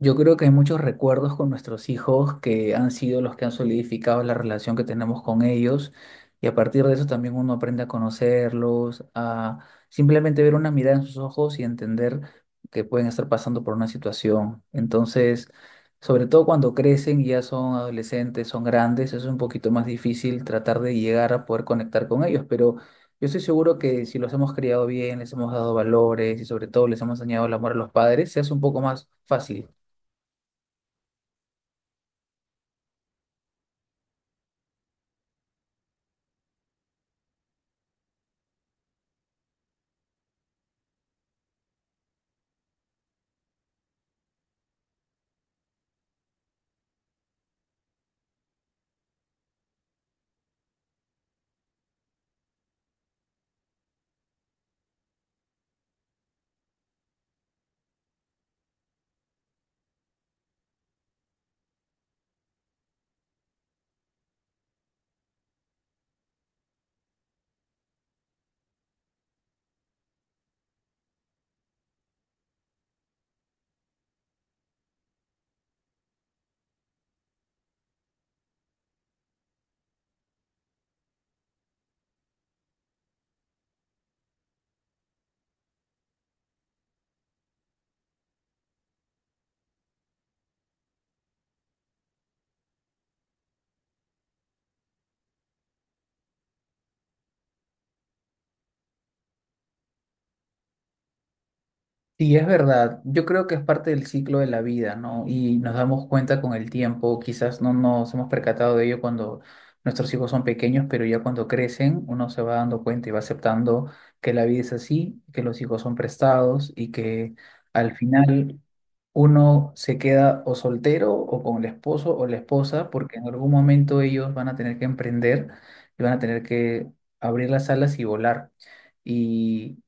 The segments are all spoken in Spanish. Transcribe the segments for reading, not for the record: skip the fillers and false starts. Yo creo que hay muchos recuerdos con nuestros hijos que han sido los que han solidificado la relación que tenemos con ellos y a partir de eso también uno aprende a conocerlos, a simplemente ver una mirada en sus ojos y entender que pueden estar pasando por una situación. Entonces, sobre todo cuando crecen y ya son adolescentes, son grandes, eso es un poquito más difícil tratar de llegar a poder conectar con ellos, pero yo estoy seguro que si los hemos criado bien, les hemos dado valores y sobre todo les hemos enseñado el amor a los padres, se hace un poco más fácil. Sí, es verdad. Yo creo que es parte del ciclo de la vida, ¿no? Y nos damos cuenta con el tiempo, quizás no nos hemos percatado de ello cuando nuestros hijos son pequeños, pero ya cuando crecen uno se va dando cuenta y va aceptando que la vida es así, que los hijos son prestados y que al final uno se queda o soltero o con el esposo o la esposa, porque en algún momento ellos van a tener que emprender y van a tener que abrir las alas y volar. Y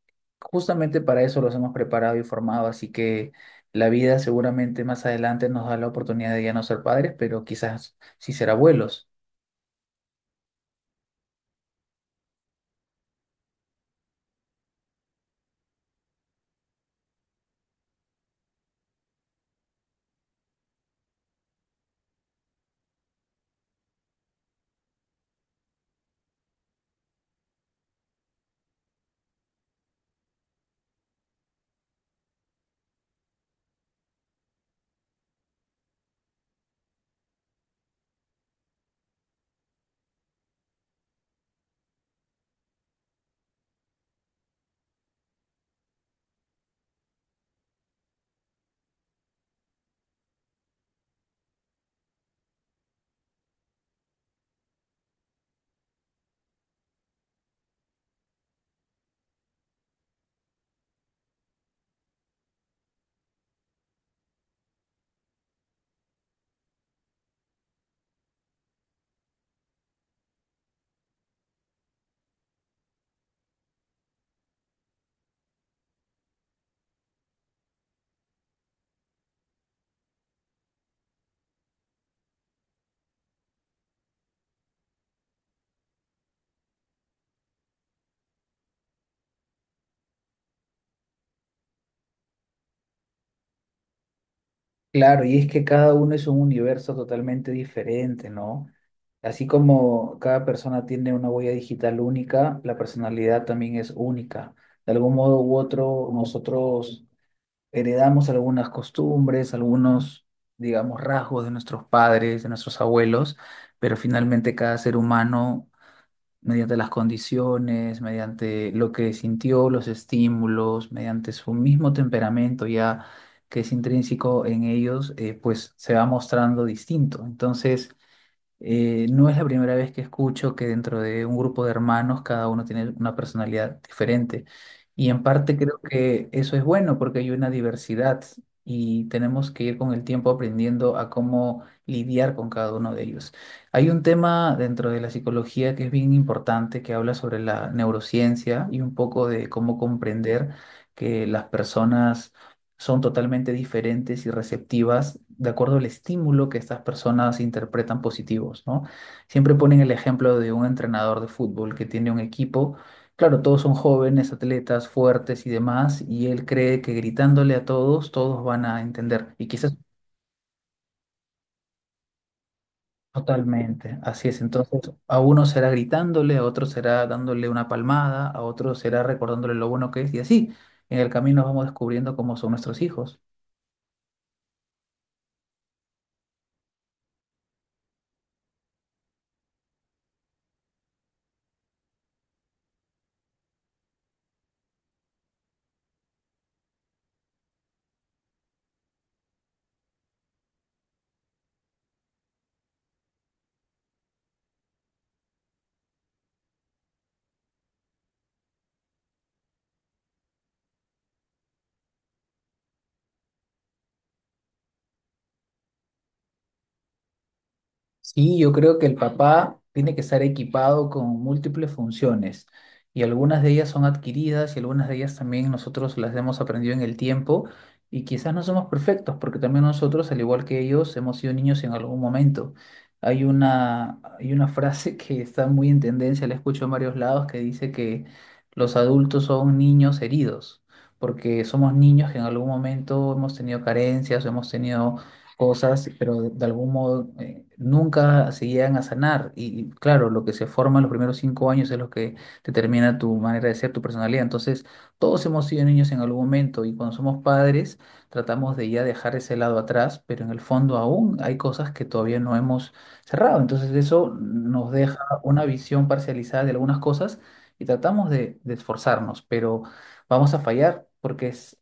justamente para eso los hemos preparado y formado, así que la vida seguramente más adelante nos da la oportunidad de ya no ser padres, pero quizás sí ser abuelos. Claro, y es que cada uno es un universo totalmente diferente, ¿no? Así como cada persona tiene una huella digital única, la personalidad también es única. De algún modo u otro, nosotros heredamos algunas costumbres, algunos, digamos, rasgos de nuestros padres, de nuestros abuelos, pero finalmente cada ser humano mediante las condiciones, mediante lo que sintió, los estímulos, mediante su mismo temperamento ya que es intrínseco en ellos, pues se va mostrando distinto. Entonces, no es la primera vez que escucho que dentro de un grupo de hermanos cada uno tiene una personalidad diferente. Y en parte creo que eso es bueno porque hay una diversidad y tenemos que ir con el tiempo aprendiendo a cómo lidiar con cada uno de ellos. Hay un tema dentro de la psicología que es bien importante que habla sobre la neurociencia y un poco de cómo comprender que las personas son totalmente diferentes y receptivas de acuerdo al estímulo que estas personas interpretan positivos, ¿no? Siempre ponen el ejemplo de un entrenador de fútbol que tiene un equipo, claro, todos son jóvenes, atletas, fuertes y demás, y él cree que gritándole a todos, todos van a entender, y quizás totalmente, así es, entonces a uno será gritándole, a otro será dándole una palmada, a otro será recordándole lo bueno que es, y así, en el camino vamos descubriendo cómo son nuestros hijos. Sí, yo creo que el papá tiene que estar equipado con múltiples funciones y algunas de ellas son adquiridas y algunas de ellas también nosotros las hemos aprendido en el tiempo y quizás no somos perfectos porque también nosotros, al igual que ellos, hemos sido niños en algún momento. Hay una frase que está muy en tendencia, la escucho en varios lados, que dice que los adultos son niños heridos porque somos niños que en algún momento hemos tenido carencias, hemos tenido cosas, pero de algún modo nunca se llegan a sanar. Y claro, lo que se forma en los primeros 5 años es lo que determina tu manera de ser, tu personalidad. Entonces, todos hemos sido niños en algún momento y cuando somos padres tratamos de ya dejar ese lado atrás, pero en el fondo aún hay cosas que todavía no hemos cerrado. Entonces, eso nos deja una visión parcializada de algunas cosas y tratamos de esforzarnos, pero vamos a fallar porque es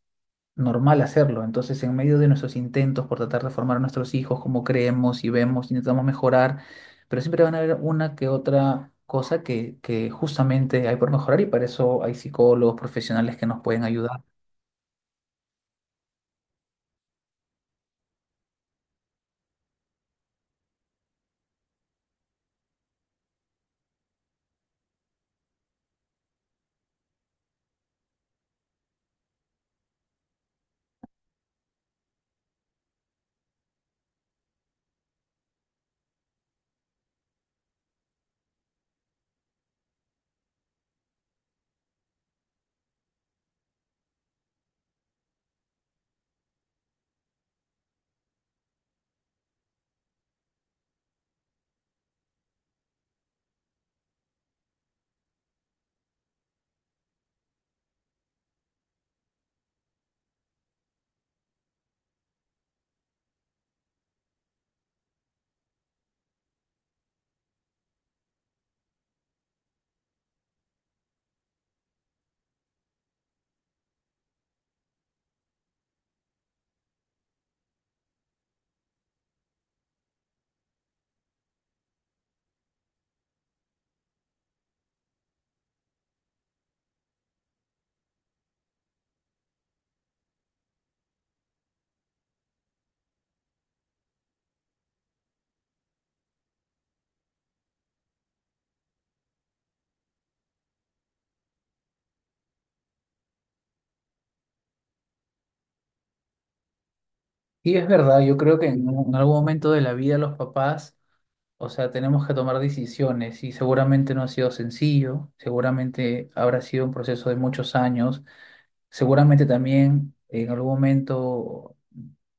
normal hacerlo. Entonces, en medio de nuestros intentos por tratar de formar a nuestros hijos como creemos y vemos, intentamos mejorar, pero siempre van a haber una que otra cosa que justamente hay por mejorar y para eso hay psicólogos profesionales que nos pueden ayudar. Y es verdad, yo creo que en algún momento de la vida los papás, o sea, tenemos que tomar decisiones y seguramente no ha sido sencillo, seguramente habrá sido un proceso de muchos años. Seguramente también en algún momento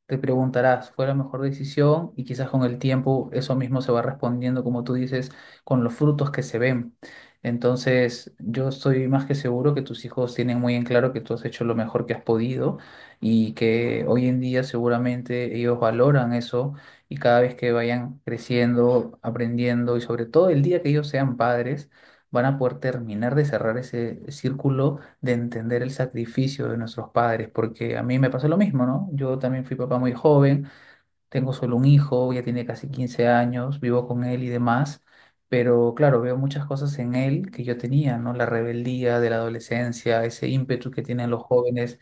te preguntarás, ¿fue la mejor decisión? Y quizás con el tiempo eso mismo se va respondiendo, como tú dices, con los frutos que se ven. Entonces, yo estoy más que seguro que tus hijos tienen muy en claro que tú has hecho lo mejor que has podido y que hoy en día seguramente ellos valoran eso y cada vez que vayan creciendo, aprendiendo y sobre todo el día que ellos sean padres, van a poder terminar de cerrar ese círculo de entender el sacrificio de nuestros padres, porque a mí me pasó lo mismo, ¿no? Yo también fui papá muy joven, tengo solo un hijo, ya tiene casi 15 años, vivo con él y demás, pero claro, veo muchas cosas en él que yo tenía, ¿no? La rebeldía de la adolescencia, ese ímpetu que tienen los jóvenes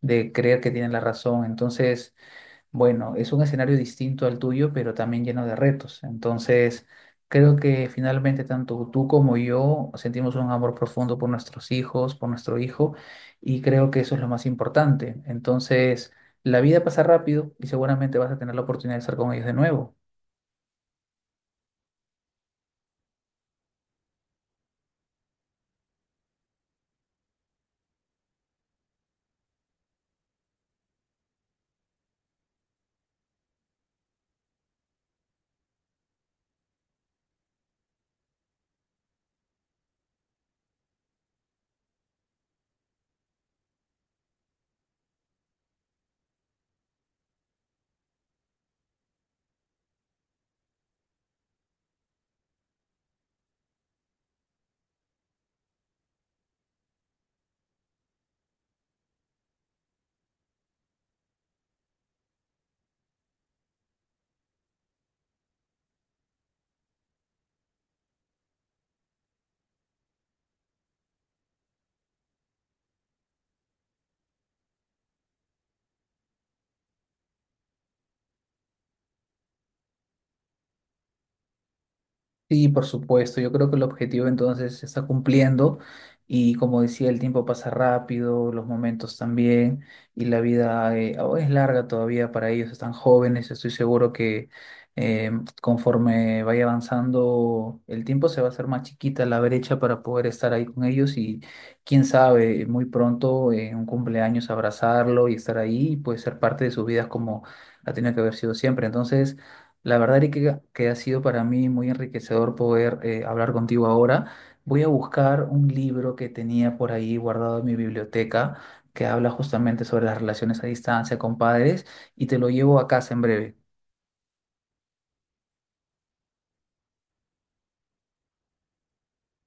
de creer que tienen la razón, entonces... Bueno, es un escenario distinto al tuyo, pero también lleno de retos. Entonces, creo que finalmente tanto tú como yo sentimos un amor profundo por nuestros hijos, por nuestro hijo, y creo que eso es lo más importante. Entonces, la vida pasa rápido y seguramente vas a tener la oportunidad de estar con ellos de nuevo. Sí, por supuesto. Yo creo que el objetivo entonces se está cumpliendo y como decía, el tiempo pasa rápido, los momentos también y la vida aún es larga todavía para ellos, están jóvenes. Estoy seguro que eh, conforme vaya avanzando el tiempo se va a hacer más chiquita la brecha para poder estar ahí con ellos y quién sabe, muy pronto en un cumpleaños abrazarlo y estar ahí y pues ser parte de sus vidas como ha tenido que haber sido siempre. Entonces... La verdad, Erika, que ha sido para mí muy enriquecedor poder hablar contigo ahora. Voy a buscar un libro que tenía por ahí guardado en mi biblioteca que habla justamente sobre las relaciones a distancia con padres y te lo llevo a casa en breve.